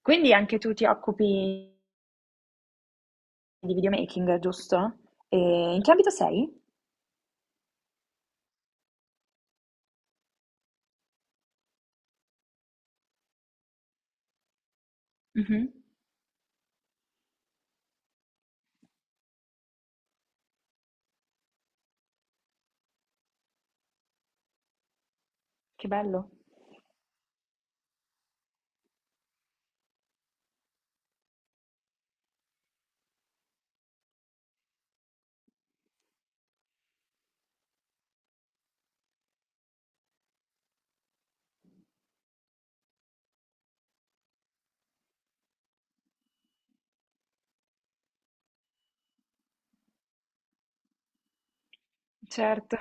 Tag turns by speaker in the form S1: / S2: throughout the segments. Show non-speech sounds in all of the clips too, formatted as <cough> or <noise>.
S1: Quindi anche tu ti occupi di videomaking, giusto? E in che ambito sei? Mh-mh. Che bello, certo.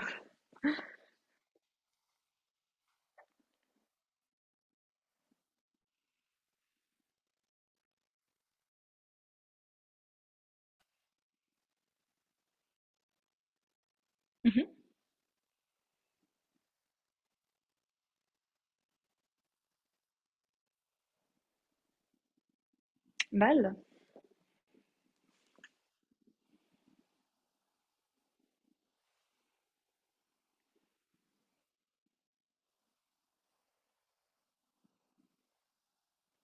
S1: Mh-mh, bello,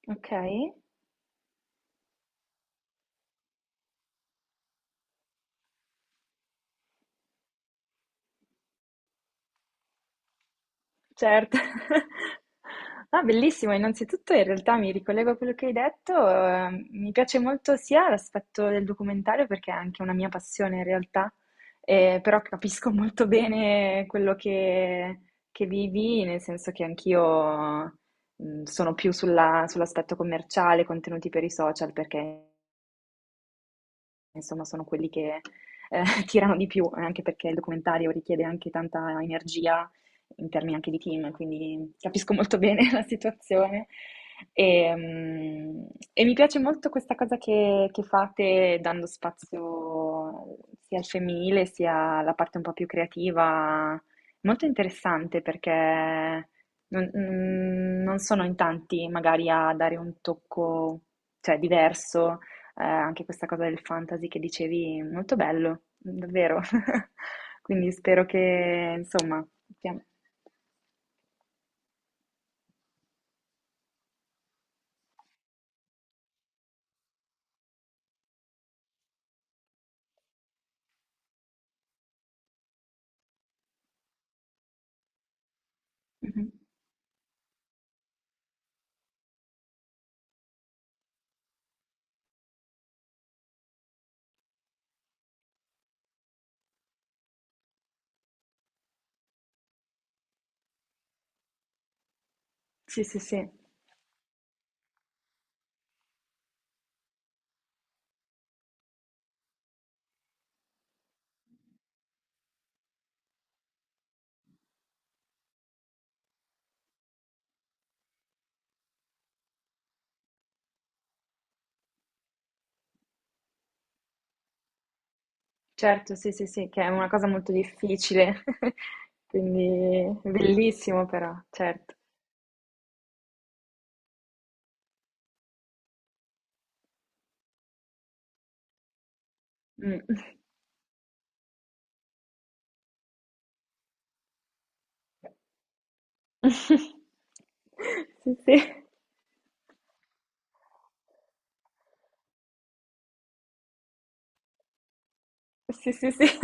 S1: okay. Certo. <laughs> Ah, bellissimo. Innanzitutto in realtà mi ricollego a quello che hai detto, mi piace molto sia l'aspetto del documentario perché è anche una mia passione in realtà, però capisco <laughs> molto bene quello che vivi, nel senso che anch'io sono più sull'aspetto commerciale, contenuti per i social, perché insomma, sono quelli che, ehm, <laughs> tirano di più, anche perché il documentario richiede anche tanta energia in termini anche di team, quindi capisco molto bene <laughs> la situazione. Ehm, e mi piace molto questa cosa che fate dando spazio sia al femminile, sia alla parte un po' più creativa. Molto interessante perché non sono in tanti magari a dare un tocco, cioè diverso, anche questa cosa del fantasy che dicevi, molto bello, davvero. <laughs> Quindi spero che, insomma, pian- Mhm. Sì, sì, sì, certo, sì, sì, sì, che è una cosa molto difficile, <laughs> quindi bellissimo però, certo. Mm. <laughs> Sì, sì, sì, sì, sì. <laughs>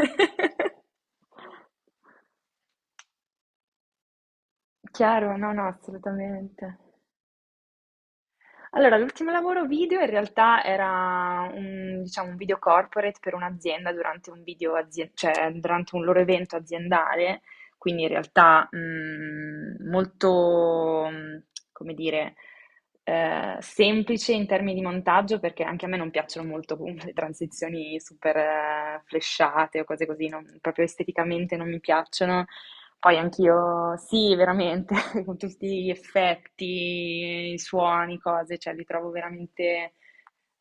S1: Chiaro, no, no, assolutamente. Allora, l'ultimo lavoro video in realtà era un, diciamo, un video corporate per un'azienda durante un cioè durante un loro evento aziendale, quindi in realtà come dire, semplice in termini di montaggio, perché anche a me non piacciono molto <laughs> comunque le transizioni super, flashate o cose così, non proprio esteticamente non mi piacciono. Poi anch'io, sì, veramente, <laughs> con tutti gli effetti, i suoni, cose, cioè li trovo veramente,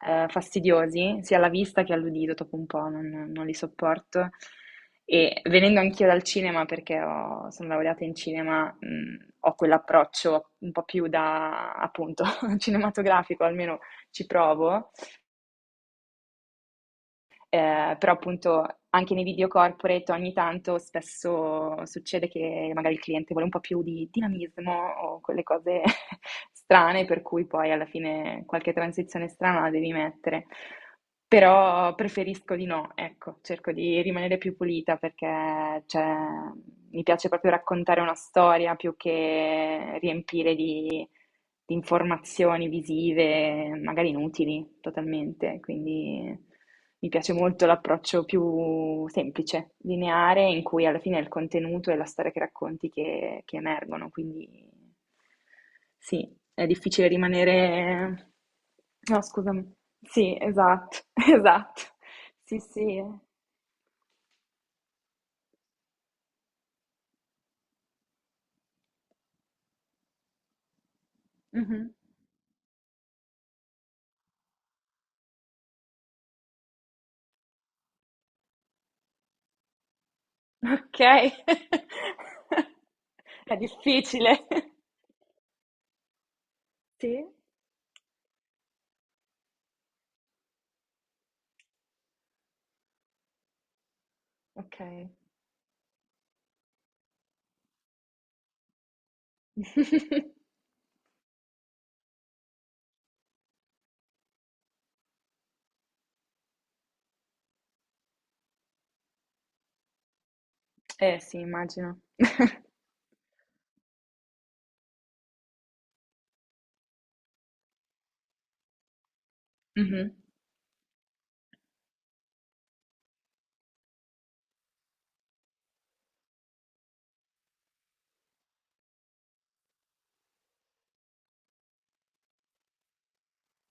S1: fastidiosi, sia alla vista che all'udito, dopo un po' non li sopporto. E venendo anch'io dal cinema, perché sono laureata in cinema, ho quell'approccio un po' più da, appunto, <laughs> cinematografico, almeno ci provo, però appunto anche nei video corporate ogni tanto spesso succede che magari il cliente vuole un po' più di dinamismo o quelle cose <laughs> strane, per cui poi alla fine qualche transizione strana la devi mettere. Però preferisco di no, ecco, cerco di rimanere più pulita perché cioè, mi piace proprio raccontare una storia più che riempire di informazioni visive, magari inutili totalmente, quindi mi piace molto l'approccio più semplice, lineare, in cui alla fine è il contenuto e la storia che racconti che emergono, quindi sì, è difficile rimanere... No, scusami. Sì, esatto, <laughs> esatto. Sì, sì. Mhm. Ok. <laughs> È difficile. Sì, ok. <laughs> Eh sì, immagino. <laughs> Mh-mh.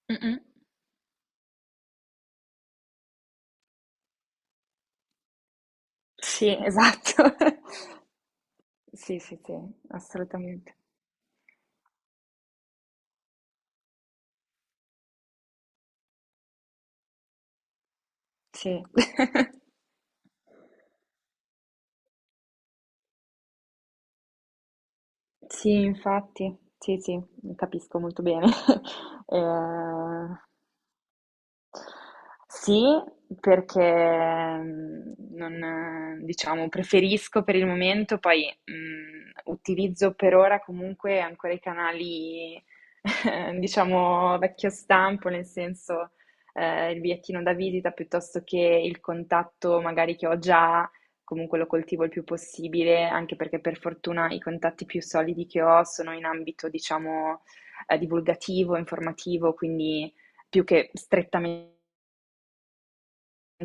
S1: Mh-mh. Sì, esatto. <laughs> Sì, sì, sì, assolutamente. Sì. <laughs> Sì, infatti. Sì, sì, capisco molto bene. <laughs> Ehm Sì, perché non, diciamo, preferisco per il momento, poi utilizzo per ora comunque ancora i canali, <laughs> diciamo, vecchio stampo, nel senso, il bigliettino da visita piuttosto che il contatto magari che ho già, comunque lo coltivo il più possibile, anche perché per fortuna i contatti più solidi che ho sono in ambito, diciamo, divulgativo, informativo, quindi più che strettamente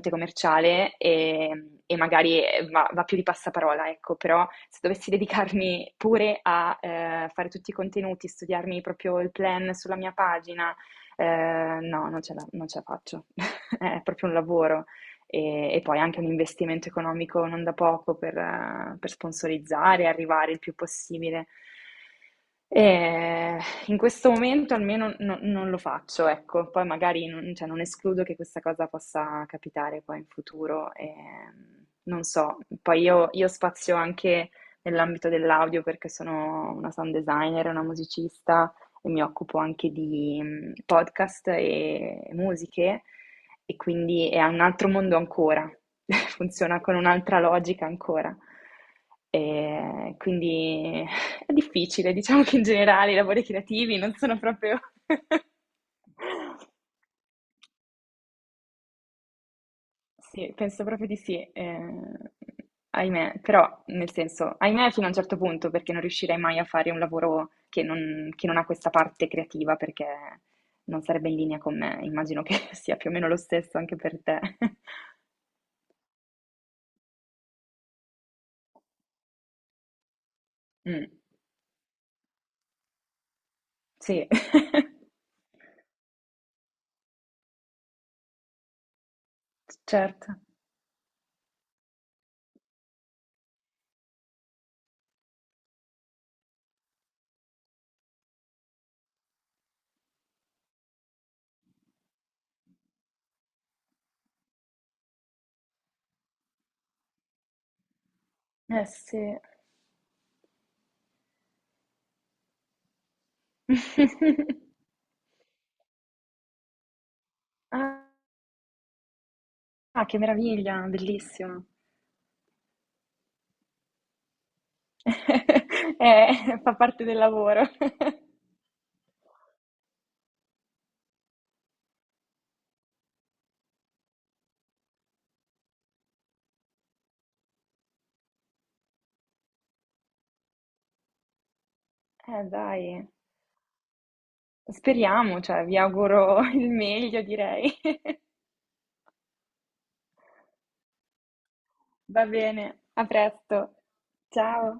S1: commerciale, e magari, va più di passaparola, ecco, però se dovessi dedicarmi pure a, fare tutti i contenuti, studiarmi proprio il plan sulla mia pagina, no, non ce la faccio. <laughs> È proprio un lavoro e poi anche un investimento economico non da poco per, per sponsorizzare, arrivare il più possibile. Ehm In questo momento almeno non lo faccio, ecco, poi magari non, cioè, non escludo che questa cosa possa capitare poi in futuro, non so, poi io spazio anche nell'ambito dell'audio perché sono una sound designer, una musicista e mi occupo anche di podcast e musiche e quindi è un altro mondo ancora, <laughs> funziona con un'altra logica ancora. E quindi è difficile, diciamo che in generale i lavori creativi non sono proprio... <laughs> Sì, penso proprio di sì, ahimè, però nel senso, ahimè fino a un certo punto perché non riuscirei mai a fare un lavoro che non ha questa parte creativa perché non sarebbe in linea con me, immagino che <laughs> sia più o meno lo stesso anche per te. <laughs> Mm, sì, <laughs> certo. Eh sì. <laughs> Ah, che meraviglia, bellissimo. <laughs> Fa parte del lavoro. <laughs> Dai, speriamo, cioè vi auguro il meglio, direi. <laughs> Va bene, a presto. Ciao.